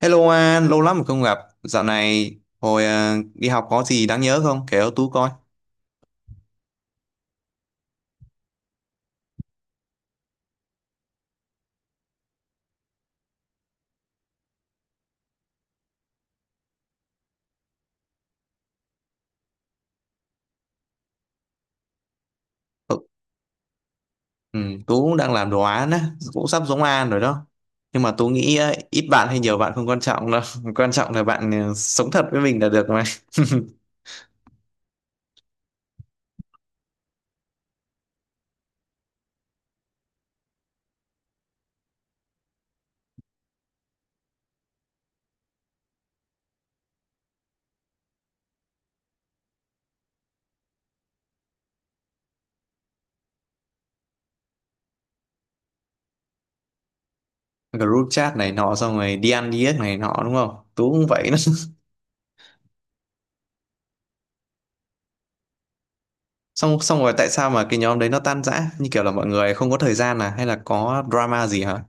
Hello An, lâu lắm rồi không gặp. Dạo này hồi đi học có gì đáng nhớ không? Kể cho Tú coi. Ừ, ừ, Tú cũng đang làm đồ án á, cũng sắp giống An rồi đó. Nhưng mà Tú nghĩ ít bạn hay nhiều bạn không quan trọng đâu. Quan trọng là bạn sống thật với mình là được mà. Group chat này nọ xong rồi đi ăn đi ếch này nọ đúng không? Tú cũng vậy đó. Xong xong rồi tại sao mà cái nhóm đấy nó tan rã? Như kiểu là mọi người không có thời gian à hay là có drama gì hả?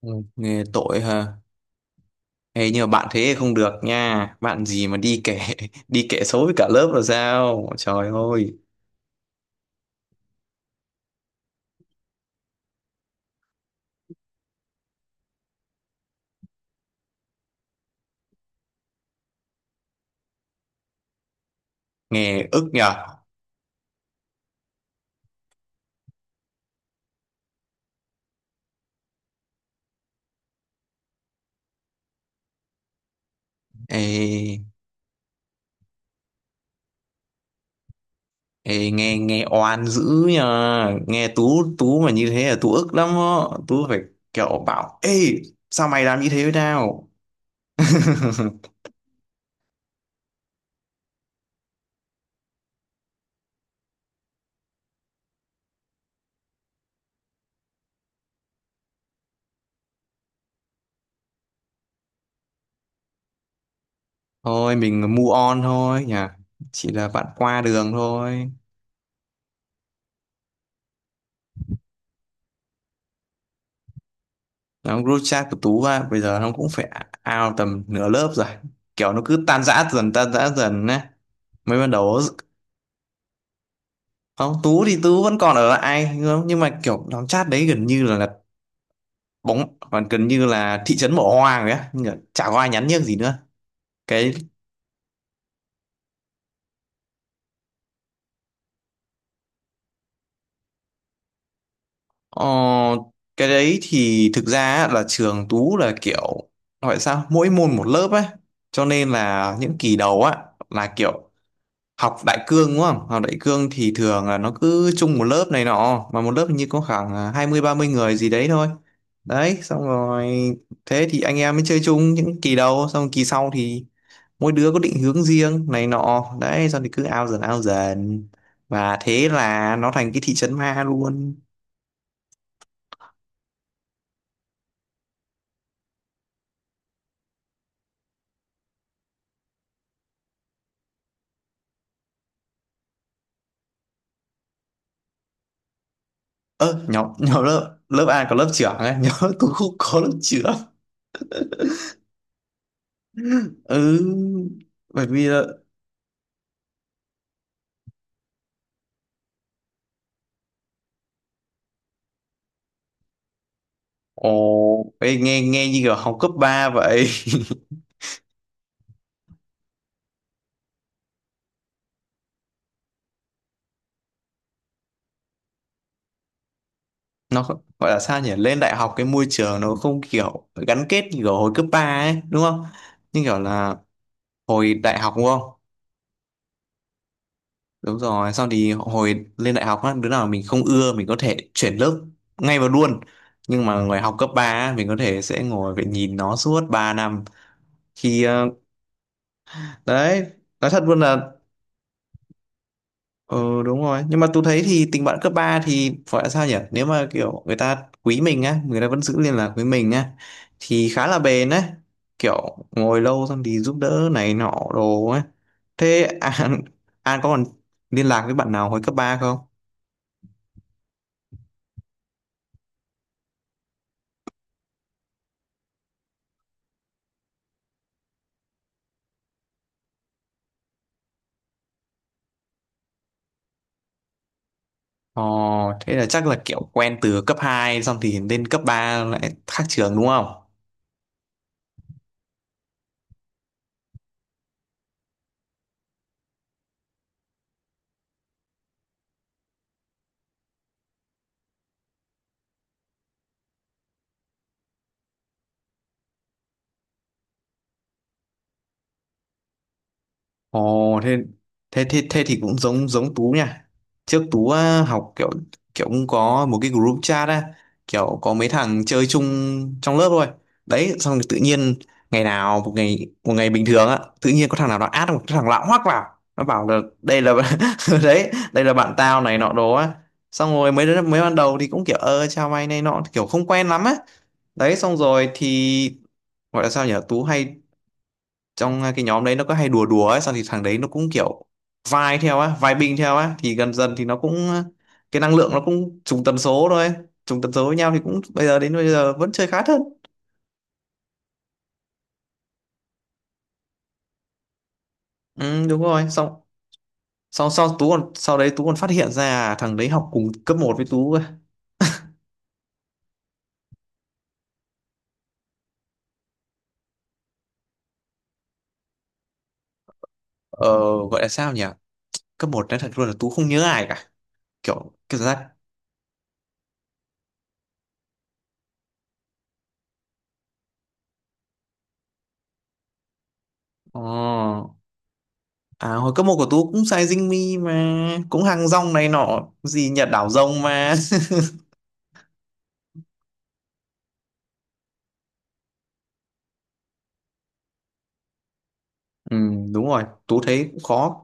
Ừ, nghe tội hả? Ê, nhưng mà bạn thế không được nha. Bạn gì mà đi kể. Đi kể xấu với cả lớp là sao? Trời ơi, nghe ức nhở. Ê, ê nghe nghe oan dữ nhờ. Nghe Tú Tú mà như thế là Tú ức lắm á. Tú phải kiểu bảo: Ê, sao mày làm như thế với tao? Thôi mình move on thôi nhỉ. Chỉ là bạn qua đường thôi. Nó group chat của Tú á, bây giờ nó cũng phải out tầm nửa lớp rồi. Kiểu nó cứ tan rã dần á, mới ban đầu. Không, Tú thì Tú vẫn còn ở lại nhưng mà kiểu nhóm chat đấy gần như là bóng, còn gần như là thị trấn bỏ hoang rồi á, nhưng mà chả có ai nhắn nhác gì nữa. Cái ờ, cái đấy thì thực ra á, là trường Tú là kiểu gọi sao mỗi môn một lớp ấy, cho nên là những kỳ đầu á là kiểu học đại cương đúng không. Học đại cương thì thường là nó cứ chung một lớp này nọ, mà một lớp hình như có khoảng hai mươi ba mươi người gì đấy thôi. Đấy, xong rồi thế thì anh em mới chơi chung những kỳ đầu, xong kỳ sau thì mỗi đứa có định hướng riêng này nọ, đấy xong thì cứ ao dần ao dần, và thế là nó thành cái thị trấn ma luôn. Ơ, nhóm nhóm lớp lớp A có lớp trưởng ấy. Nhóm lớp tôi không có lớp trưởng. Ừ, bởi vì là... Ồ, ê, nghe nghe như kiểu học cấp 3 vậy. Gọi là sao nhỉ, lên đại học cái môi trường nó không kiểu gắn kết như kiểu hồi cấp 3 ấy đúng không? Nhưng kiểu là hồi đại học đúng không? Đúng rồi, sau thì hồi lên đại học á, đứa nào mình không ưa mình có thể chuyển lớp ngay vào luôn. Nhưng mà người học cấp 3 á, mình có thể sẽ ngồi phải nhìn nó suốt 3 năm. Khi đấy, nói thật luôn là... Ừ đúng rồi, nhưng mà tôi thấy thì tình bạn cấp 3 thì phải là sao nhỉ, nếu mà kiểu người ta quý mình á, người ta vẫn giữ liên lạc với mình á, thì khá là bền á. Kiểu ngồi lâu xong thì giúp đỡ này nọ đồ á. Thế An có còn liên lạc với bạn nào hồi cấp 3 không? Ồ, thế là chắc là kiểu quen từ cấp hai, xong thì lên cấp 3 lại khác trường đúng không? Ồ thế thế thì cũng giống giống Tú nha. Trước Tú á, học kiểu kiểu cũng có một cái group chat á, kiểu có mấy thằng chơi chung trong lớp thôi. Đấy, xong rồi tự nhiên ngày nào một ngày bình thường á, tự nhiên có thằng nào nó add một cái thằng lạ hoắc vào. Nó bảo là đây là... đấy, đây là bạn tao này nọ đồ á. Xong rồi mấy đứa mấy ban đầu thì cũng kiểu ơ chào mày này nọ, kiểu không quen lắm á. Đấy xong rồi thì gọi là sao nhỉ? Tú hay trong cái nhóm đấy nó có hay đùa đùa ấy, xong thì thằng đấy nó cũng kiểu vai theo á, vai binh theo á, thì gần dần thì nó cũng cái năng lượng nó cũng trùng tần số thôi. Trùng tần số với nhau thì cũng bây giờ đến bây giờ vẫn chơi khá thân. Ừ, đúng rồi. Xong sau sau tú còn, sau đấy tú còn phát hiện ra thằng đấy học cùng cấp một với tú cơ. Ờ, gọi là sao nhỉ, cấp một, nói thật luôn là tú không nhớ ai cả, kiểu cái cảm giác ờ à, hồi cấp một của tú cũng sai dinh mi mà, cũng hàng rong này nọ gì Nhật đảo rồng mà. Ừ, đúng rồi, Tú thấy cũng khó.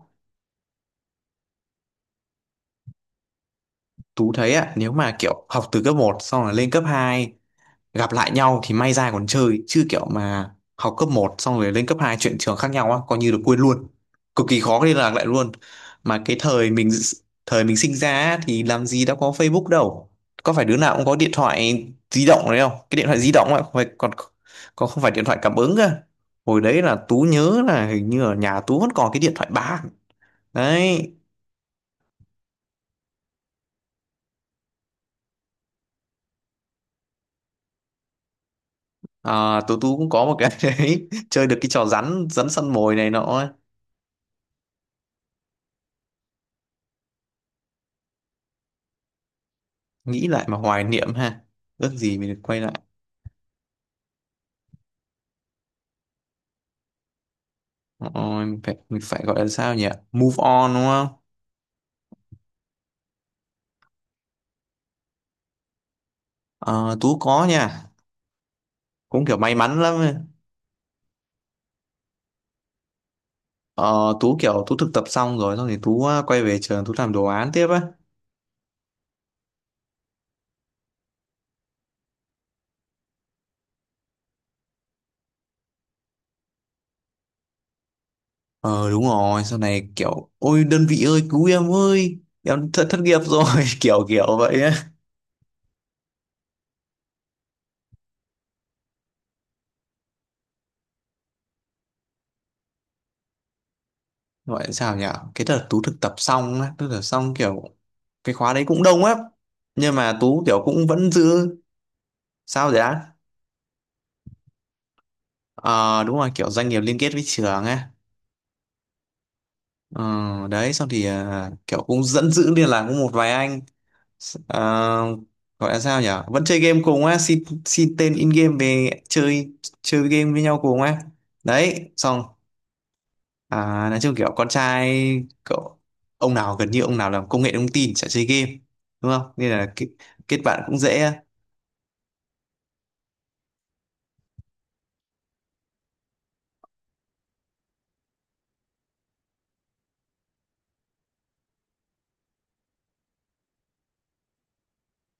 Tú thấy ạ, nếu mà kiểu học từ cấp một xong rồi lên cấp 2 gặp lại nhau thì may ra còn chơi, chứ kiểu mà học cấp một xong rồi lên cấp 2 chuyển trường khác nhau á, coi như được quên luôn. Cực kỳ khó liên lạc lại luôn. Mà cái thời mình sinh ra á, thì làm gì đã có Facebook đâu. Có phải đứa nào cũng có điện thoại di động đấy không? Cái điện thoại di động ấy, không phải còn còn không phải điện thoại cảm ứng cơ. Hồi đấy là Tú nhớ là hình như ở nhà Tú vẫn còn cái điện thoại bàn. Đấy. À, tú tôi cũng có một cái. Đấy chơi được cái trò rắn rắn săn mồi này nọ ấy. Nghĩ lại mà hoài niệm ha, ước gì mình được quay lại. Ôi, mình phải gọi là sao nhỉ, move on đúng không? Ờ, Tú có nha, cũng kiểu may mắn lắm ấy. Ờ, Tú kiểu Tú thực tập xong rồi, xong thì Tú quay về trường Tú làm đồ án tiếp á. Ờ đúng rồi, sau này kiểu ôi đơn vị ơi cứu em ơi, em thất thất nghiệp rồi. Kiểu kiểu vậy á. Gọi là sao nhỉ, cái đợt tú thực tập xong á, tức là xong kiểu cái khóa đấy cũng đông lắm, nhưng mà tú kiểu cũng vẫn giữ. Sao vậy á? Ờ đúng rồi, kiểu doanh nghiệp liên kết với trường á. Ờ, đấy xong thì kiểu cũng dẫn giữ liên lạc với một vài anh. Ờ, gọi là sao nhỉ, vẫn chơi game cùng á, xin xin tên in game về chơi, chơi game với nhau cùng á. Đấy xong. À, nói chung kiểu con trai, cậu, ông nào gần như ông nào làm công nghệ thông tin chả chơi game đúng không, nên là kết bạn cũng dễ.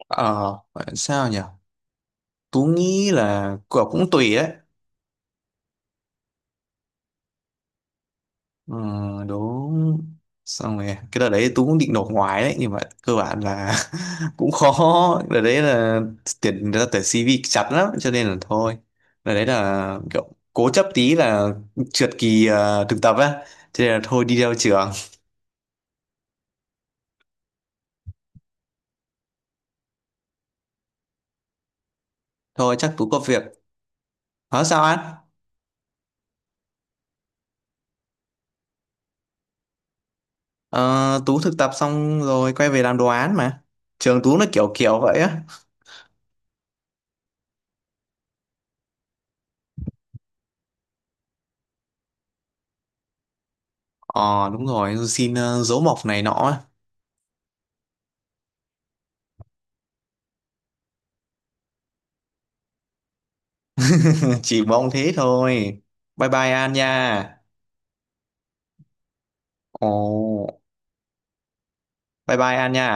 Ờ, gọi là sao nhỉ, Tú nghĩ là cậu cũng tùy đấy. Ừ, đúng. Xong rồi cái đợt đấy Tú cũng định nộp ngoài đấy nhưng mà cơ bản là cũng khó. Đợt đấy là tuyển CV chặt lắm cho nên là thôi. Đợt đấy là kiểu cố chấp tí là trượt kỳ thực tập á, cho nên là thôi đi theo trường. Thôi chắc Tú có việc. Ờ sao anh? Ờ, Tú thực tập xong rồi quay về làm đồ án mà. Trường Tú nó kiểu kiểu vậy á. Ờ đúng rồi, xin dấu mộc này nọ á. Chỉ mong thế thôi. Bye bye An nha. Ồ, bye bye An nha.